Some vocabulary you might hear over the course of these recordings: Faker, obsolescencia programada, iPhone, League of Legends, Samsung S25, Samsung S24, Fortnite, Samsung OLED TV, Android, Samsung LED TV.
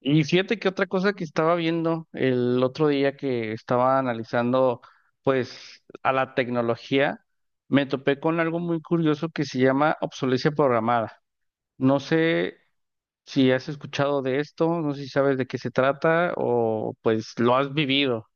Y fíjate que otra cosa que estaba viendo el otro día que estaba analizando pues a la tecnología, me topé con algo muy curioso que se llama obsolescencia programada. No sé si has escuchado de esto, no sé si sabes de qué se trata o pues lo has vivido.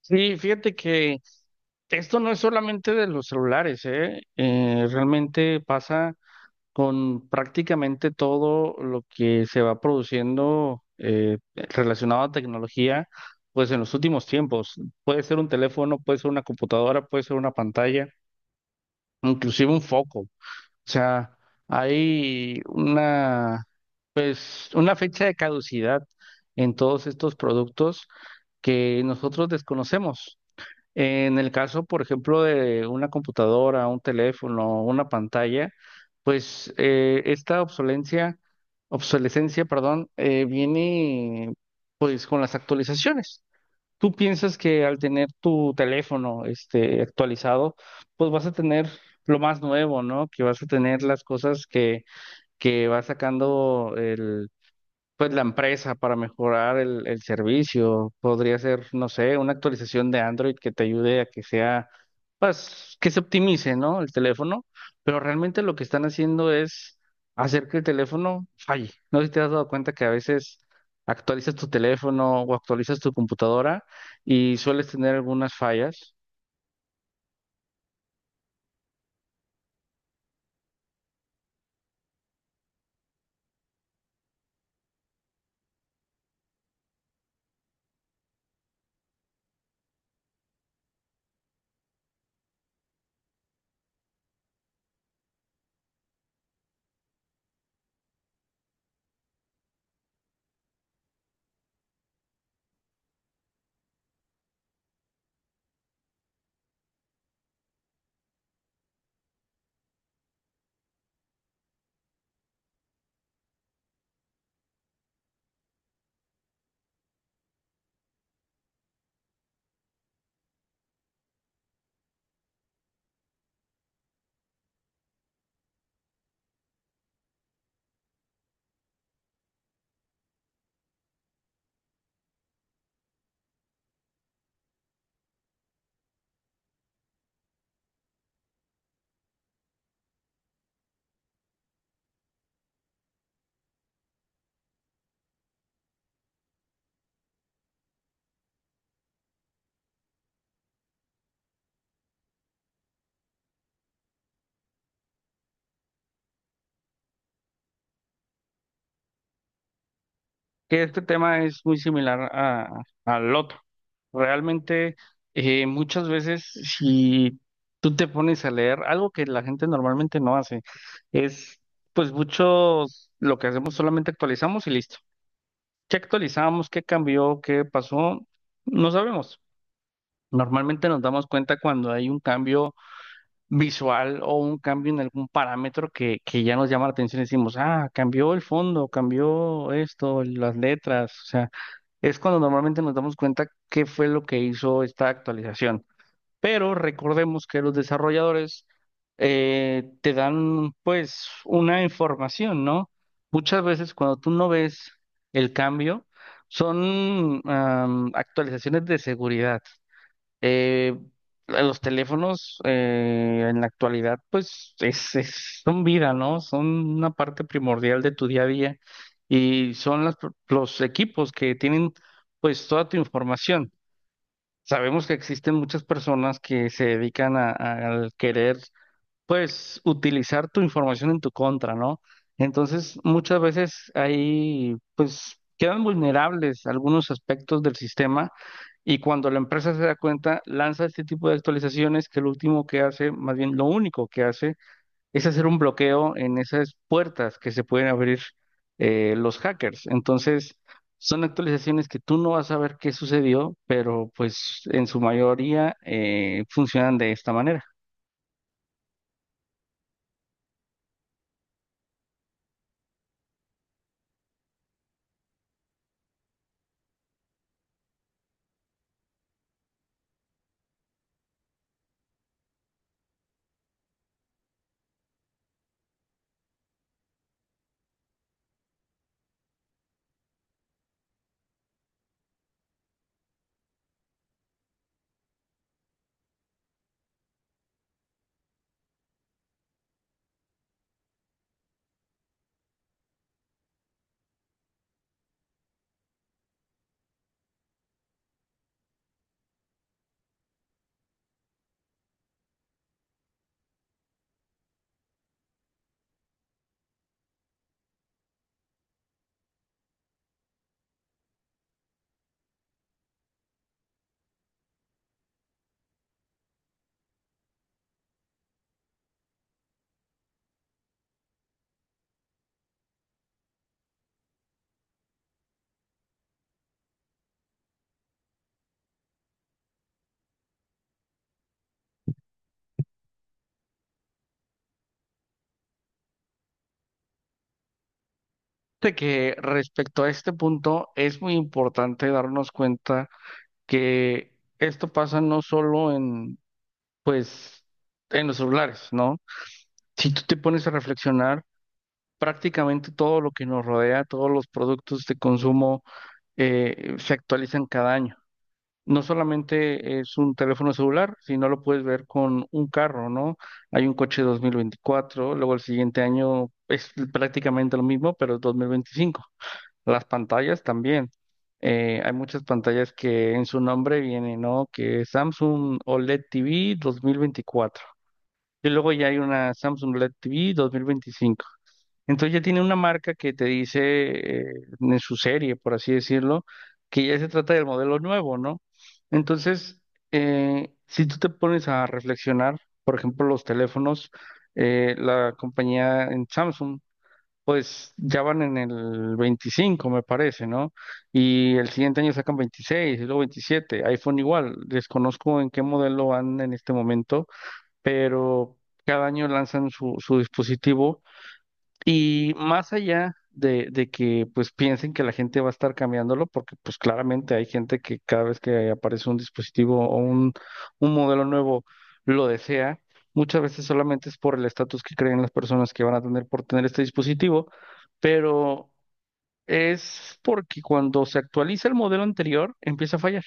Sí, fíjate que esto no es solamente de los celulares, ¿eh? Realmente pasa con prácticamente todo lo que se va produciendo relacionado a tecnología, pues en los últimos tiempos. Puede ser un teléfono, puede ser una computadora, puede ser una pantalla, inclusive un foco. O sea, hay una fecha de caducidad en todos estos productos que nosotros desconocemos. En el caso, por ejemplo, de una computadora, un teléfono, una pantalla, pues esta obsolescencia, perdón, viene pues con las actualizaciones. Tú piensas que al tener tu teléfono este, actualizado, pues vas a tener lo más nuevo, ¿no? Que vas a tener las cosas que va sacando pues la empresa para mejorar el servicio. Podría ser, no sé, una actualización de Android que te ayude a que sea, pues, que se optimice, ¿no? El teléfono, pero realmente lo que están haciendo es hacer que el teléfono falle. No sé si te has dado cuenta que a veces actualizas tu teléfono o actualizas tu computadora y sueles tener algunas fallas. Que este tema es muy similar al otro. Realmente, muchas veces, si tú te pones a leer, algo que la gente normalmente no hace, es, pues muchos, lo que hacemos solamente actualizamos y listo. ¿Qué actualizamos? ¿Qué cambió? ¿Qué pasó? No sabemos. Normalmente nos damos cuenta cuando hay un cambio visual o un cambio en algún parámetro que ya nos llama la atención y decimos, ah, cambió el fondo, cambió esto, las letras, o sea es cuando normalmente nos damos cuenta qué fue lo que hizo esta actualización. Pero recordemos que los desarrolladores te dan pues una información, ¿no? Muchas veces cuando tú no ves el cambio, son actualizaciones de seguridad. Eh, los teléfonos en la actualidad, pues son vida, ¿no? Son una parte primordial de tu día a día y son los equipos que tienen pues toda tu información. Sabemos que existen muchas personas que se dedican al querer pues utilizar tu información en tu contra, ¿no? Entonces, muchas veces ahí, pues, quedan vulnerables algunos aspectos del sistema y cuando la empresa se da cuenta, lanza este tipo de actualizaciones que lo último que hace, más bien lo único que hace, es hacer un bloqueo en esas puertas que se pueden abrir los hackers. Entonces, son actualizaciones que tú no vas a ver qué sucedió, pero pues en su mayoría funcionan de esta manera. Fíjate que respecto a este punto es muy importante darnos cuenta que esto pasa no solo en, pues, en los celulares, ¿no? Si tú te pones a reflexionar, prácticamente todo lo que nos rodea, todos los productos de consumo se actualizan cada año. No solamente es un teléfono celular, sino lo puedes ver con un carro, ¿no? Hay un coche 2024, luego el siguiente año es prácticamente lo mismo, pero es 2025. Las pantallas también. Hay muchas pantallas que en su nombre viene, ¿no? Que Samsung OLED TV 2024. Y luego ya hay una Samsung LED TV 2025. Entonces ya tiene una marca que te dice eh, en su serie, por así decirlo, que ya se trata del modelo nuevo, ¿no? Entonces, si tú te pones a reflexionar, por ejemplo, los teléfonos, la compañía en Samsung pues ya van en el 25, me parece, ¿no? Y el siguiente año sacan 26, y luego 27. iPhone igual, desconozco en qué modelo van en este momento, pero cada año lanzan su dispositivo y más allá de que pues piensen que la gente va a estar cambiándolo, porque pues claramente hay gente que cada vez que aparece un dispositivo un modelo nuevo lo desea, muchas veces solamente es por el estatus que creen las personas que van a tener por tener este dispositivo, pero es porque cuando se actualiza el modelo anterior empieza a fallar.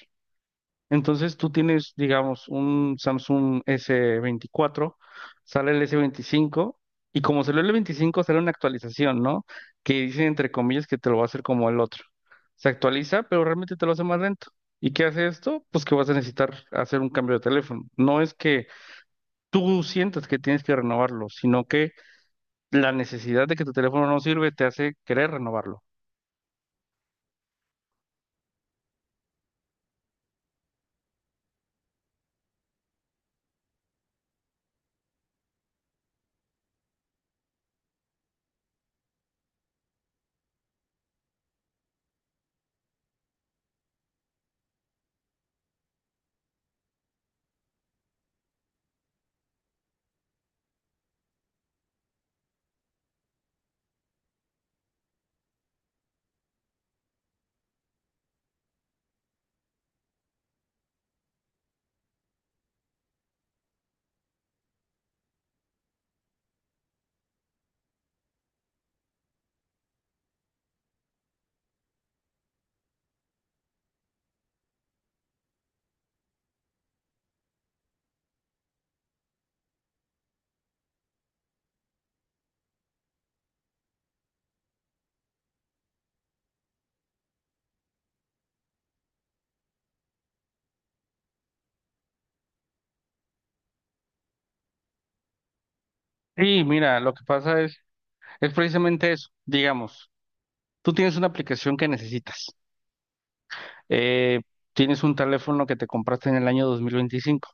Entonces tú tienes, digamos, un Samsung S24, sale el S25 y como salió el 25 sale una actualización, ¿no? Que dicen entre comillas que te lo va a hacer como el otro. Se actualiza, pero realmente te lo hace más lento. ¿Y qué hace esto? Pues que vas a necesitar hacer un cambio de teléfono. No es que tú sientas que tienes que renovarlo, sino que la necesidad de que tu teléfono no sirve te hace querer renovarlo. Y mira, lo que pasa es precisamente eso. Digamos, tú tienes una aplicación que necesitas. eh, Tienes un teléfono que te compraste en el año 2025.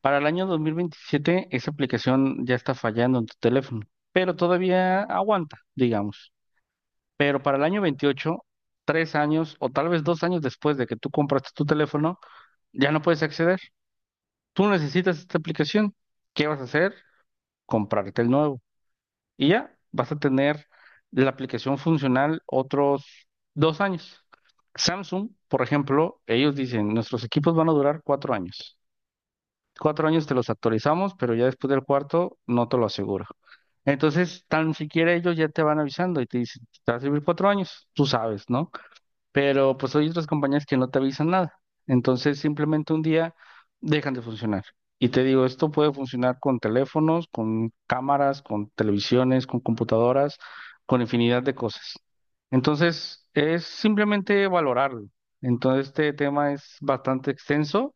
Para el año 2027, esa aplicación ya está fallando en tu teléfono, pero todavía aguanta, digamos. Pero para el año 28, 3 años o tal vez 2 años después de que tú compraste tu teléfono, ya no puedes acceder. Tú necesitas esta aplicación. ¿Qué vas a hacer? Comprarte el nuevo. Y ya vas a tener la aplicación funcional otros 2 años. Samsung, por ejemplo, ellos dicen, nuestros equipos van a durar 4 años. 4 años te los actualizamos, pero ya después del cuarto no te lo aseguro. Entonces, tan siquiera ellos ya te van avisando y te dicen, te va a servir 4 años, tú sabes, ¿no? Pero pues hay otras compañías que no te avisan nada. Entonces simplemente un día dejan de funcionar. Y te digo, esto puede funcionar con teléfonos, con cámaras, con televisiones, con computadoras, con infinidad de cosas. Entonces es simplemente valorarlo. Entonces este tema es bastante extenso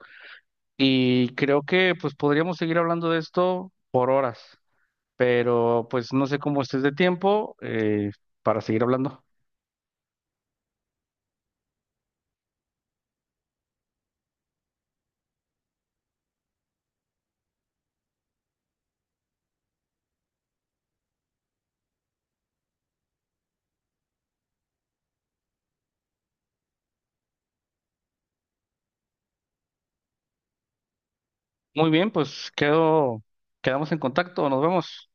y creo que pues podríamos seguir hablando de esto por horas, pero pues no sé cómo estés de tiempo para seguir hablando. Muy bien, pues quedo, quedamos en contacto, nos vemos.